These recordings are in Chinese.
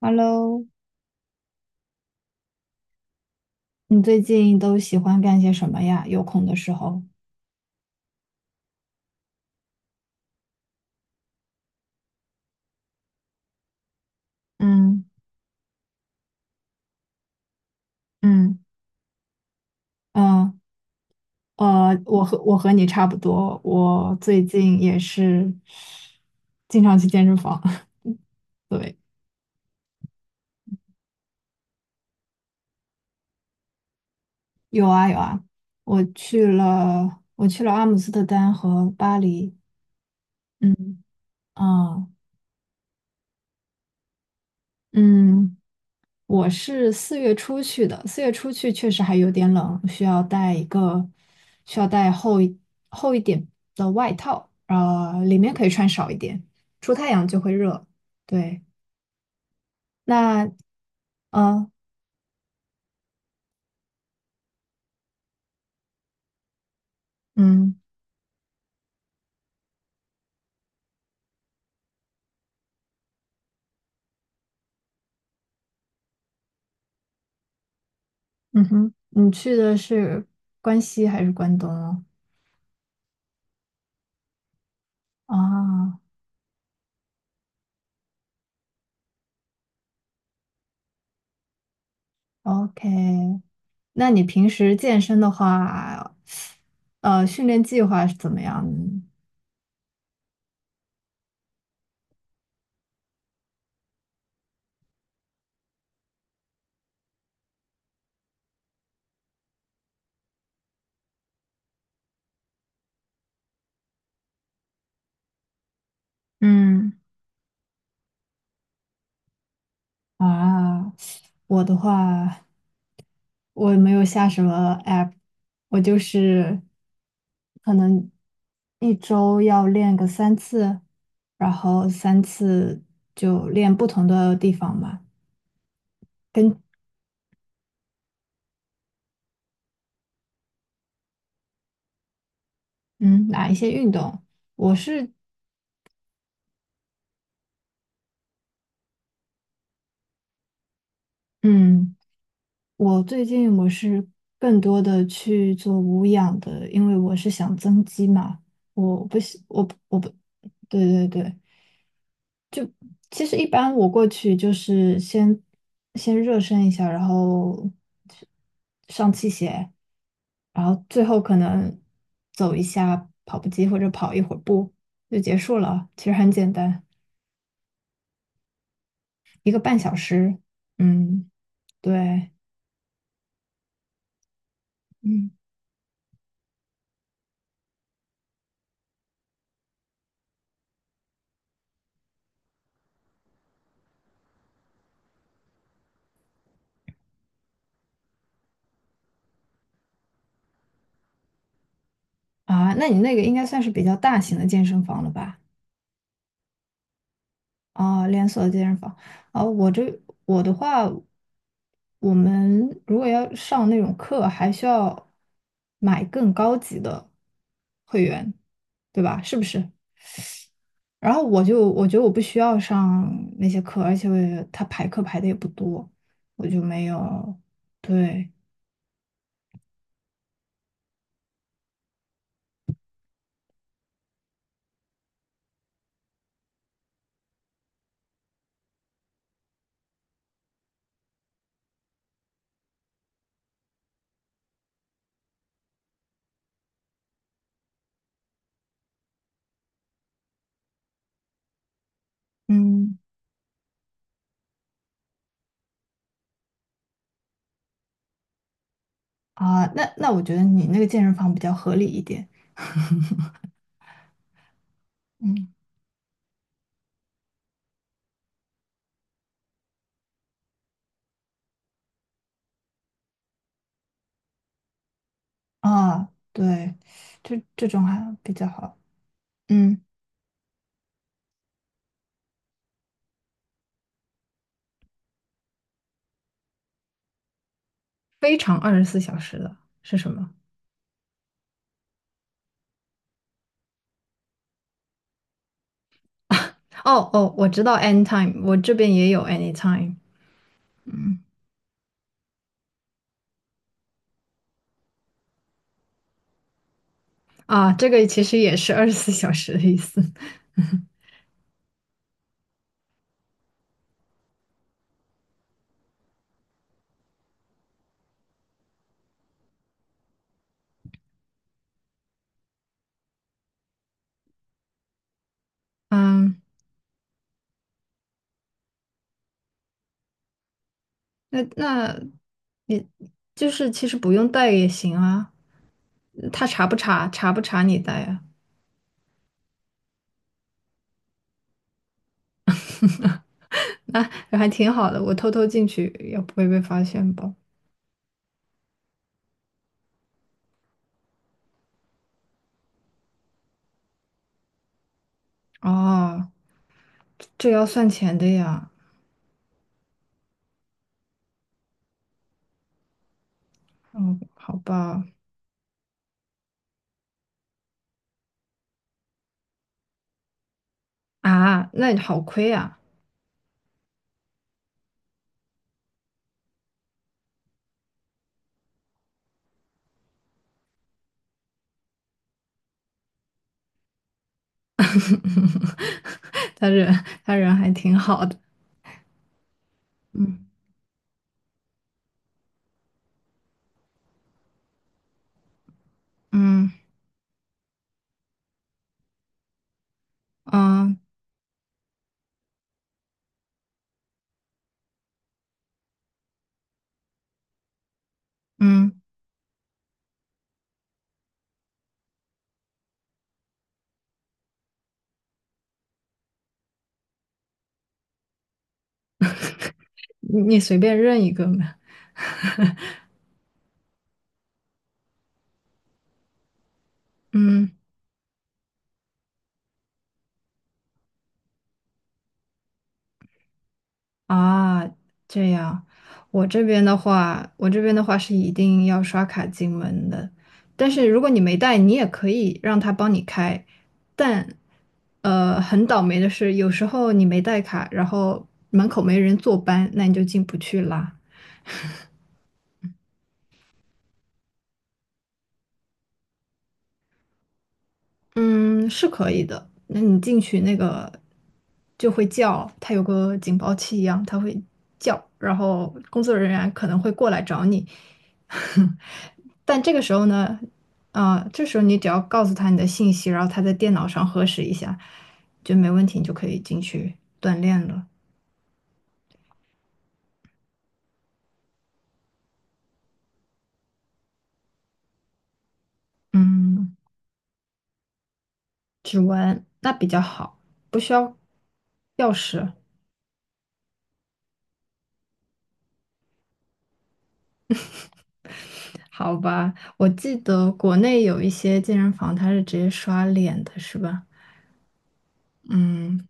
Hello，你最近都喜欢干些什么呀？有空的时候，嗯嗯嗯我和你差不多，我最近也是经常去健身房。对，有啊有啊，我去了阿姆斯特丹和巴黎，嗯啊嗯，我是四月初去的，四月初去确实还有点冷，需要带一个，需要带厚一点的外套，里面可以穿少一点，出太阳就会热。对，那呃，嗯嗯哼，你去的是关西还是关东哦？啊，OK，那你平时健身的话，训练计划是怎么样的呢？嗯啊，我的话。我没有下什么 app，我就是可能1周要练个三次，然后三次就练不同的地方嘛，跟嗯哪一些运动。我是嗯，我最近我是更多的去做无氧的，因为我是想增肌嘛，我不喜我不我不对对对，其实一般我过去就是先热身一下，然后上器械，然后最后可能走一下跑步机或者跑一会儿步就结束了。其实很简单，1个半小时。嗯，对，嗯，啊，那你那个应该算是比较大型的健身房了吧？啊，连锁健身房啊，我的话，我们如果要上那种课，还需要买更高级的会员，对吧？是不是？然后我觉得我不需要上那些课，而且我也，他排课排的也不多，我就没有，对，嗯那我觉得你那个健身房比较合理一点，嗯对，这种还比较好，嗯。非常二十四小时的是什么？哦哦，我知道 anytime，我这边也有 anytime。嗯这个其实也是二十四小时的意思。嗯，那你就是其实不用带也行啊，他查不查？查不查你带啊？那还挺好的，我偷偷进去也不会被发现吧？哦，这要算钱的呀。哦，好吧。啊，那好亏啊。他人还挺好的，嗯嗯嗯嗯，你随便认一个嘛，嗯啊这样，我这边的话，是一定要刷卡进门的，但是如果你没带，你也可以让他帮你开，但很倒霉的是，有时候你没带卡，然后门口没人坐班，那你就进不去啦。嗯，是可以的。那你进去那个就会叫，它有个警报器一样，它会叫，然后工作人员可能会过来找你。但这个时候呢，啊、这时候你只要告诉他你的信息，然后他在电脑上核实一下，就没问题，你就可以进去锻炼了。嗯，指纹那比较好，不需要钥匙。好吧，我记得国内有一些健身房，它是直接刷脸的，是吧？嗯，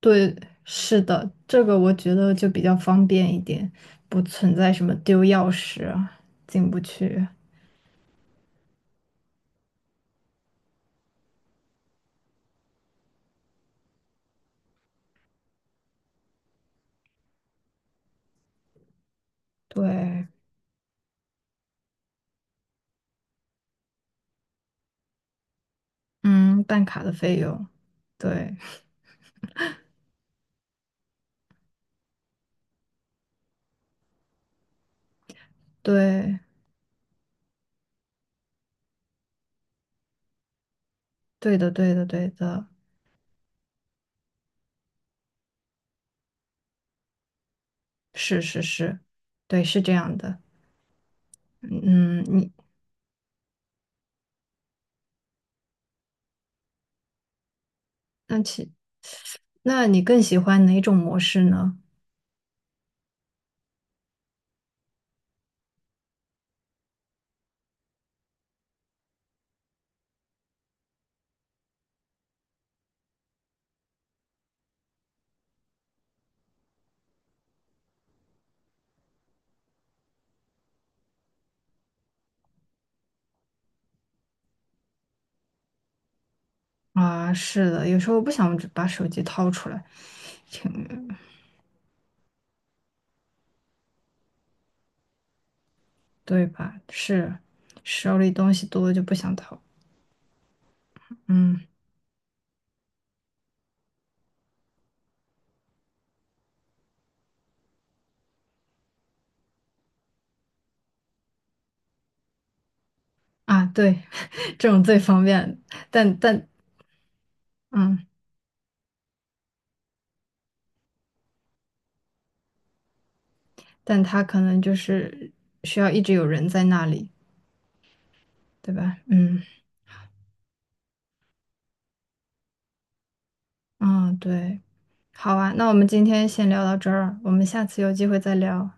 对，是的，这个我觉得就比较方便一点，不存在什么丢钥匙啊进不去。对，嗯，办卡的费用，对，对，对的，对的，对的，是是是，对，是这样的。嗯，你那其那你更喜欢哪种模式呢？啊，是的，有时候我不想把手机掏出来。挺对吧？是，手里东西多就不想投，嗯对，这种最方便，但但嗯，但他可能就是需要一直有人在那里，对吧？嗯嗯，对，好啊，那我们今天先聊到这儿啊，我们下次有机会再聊。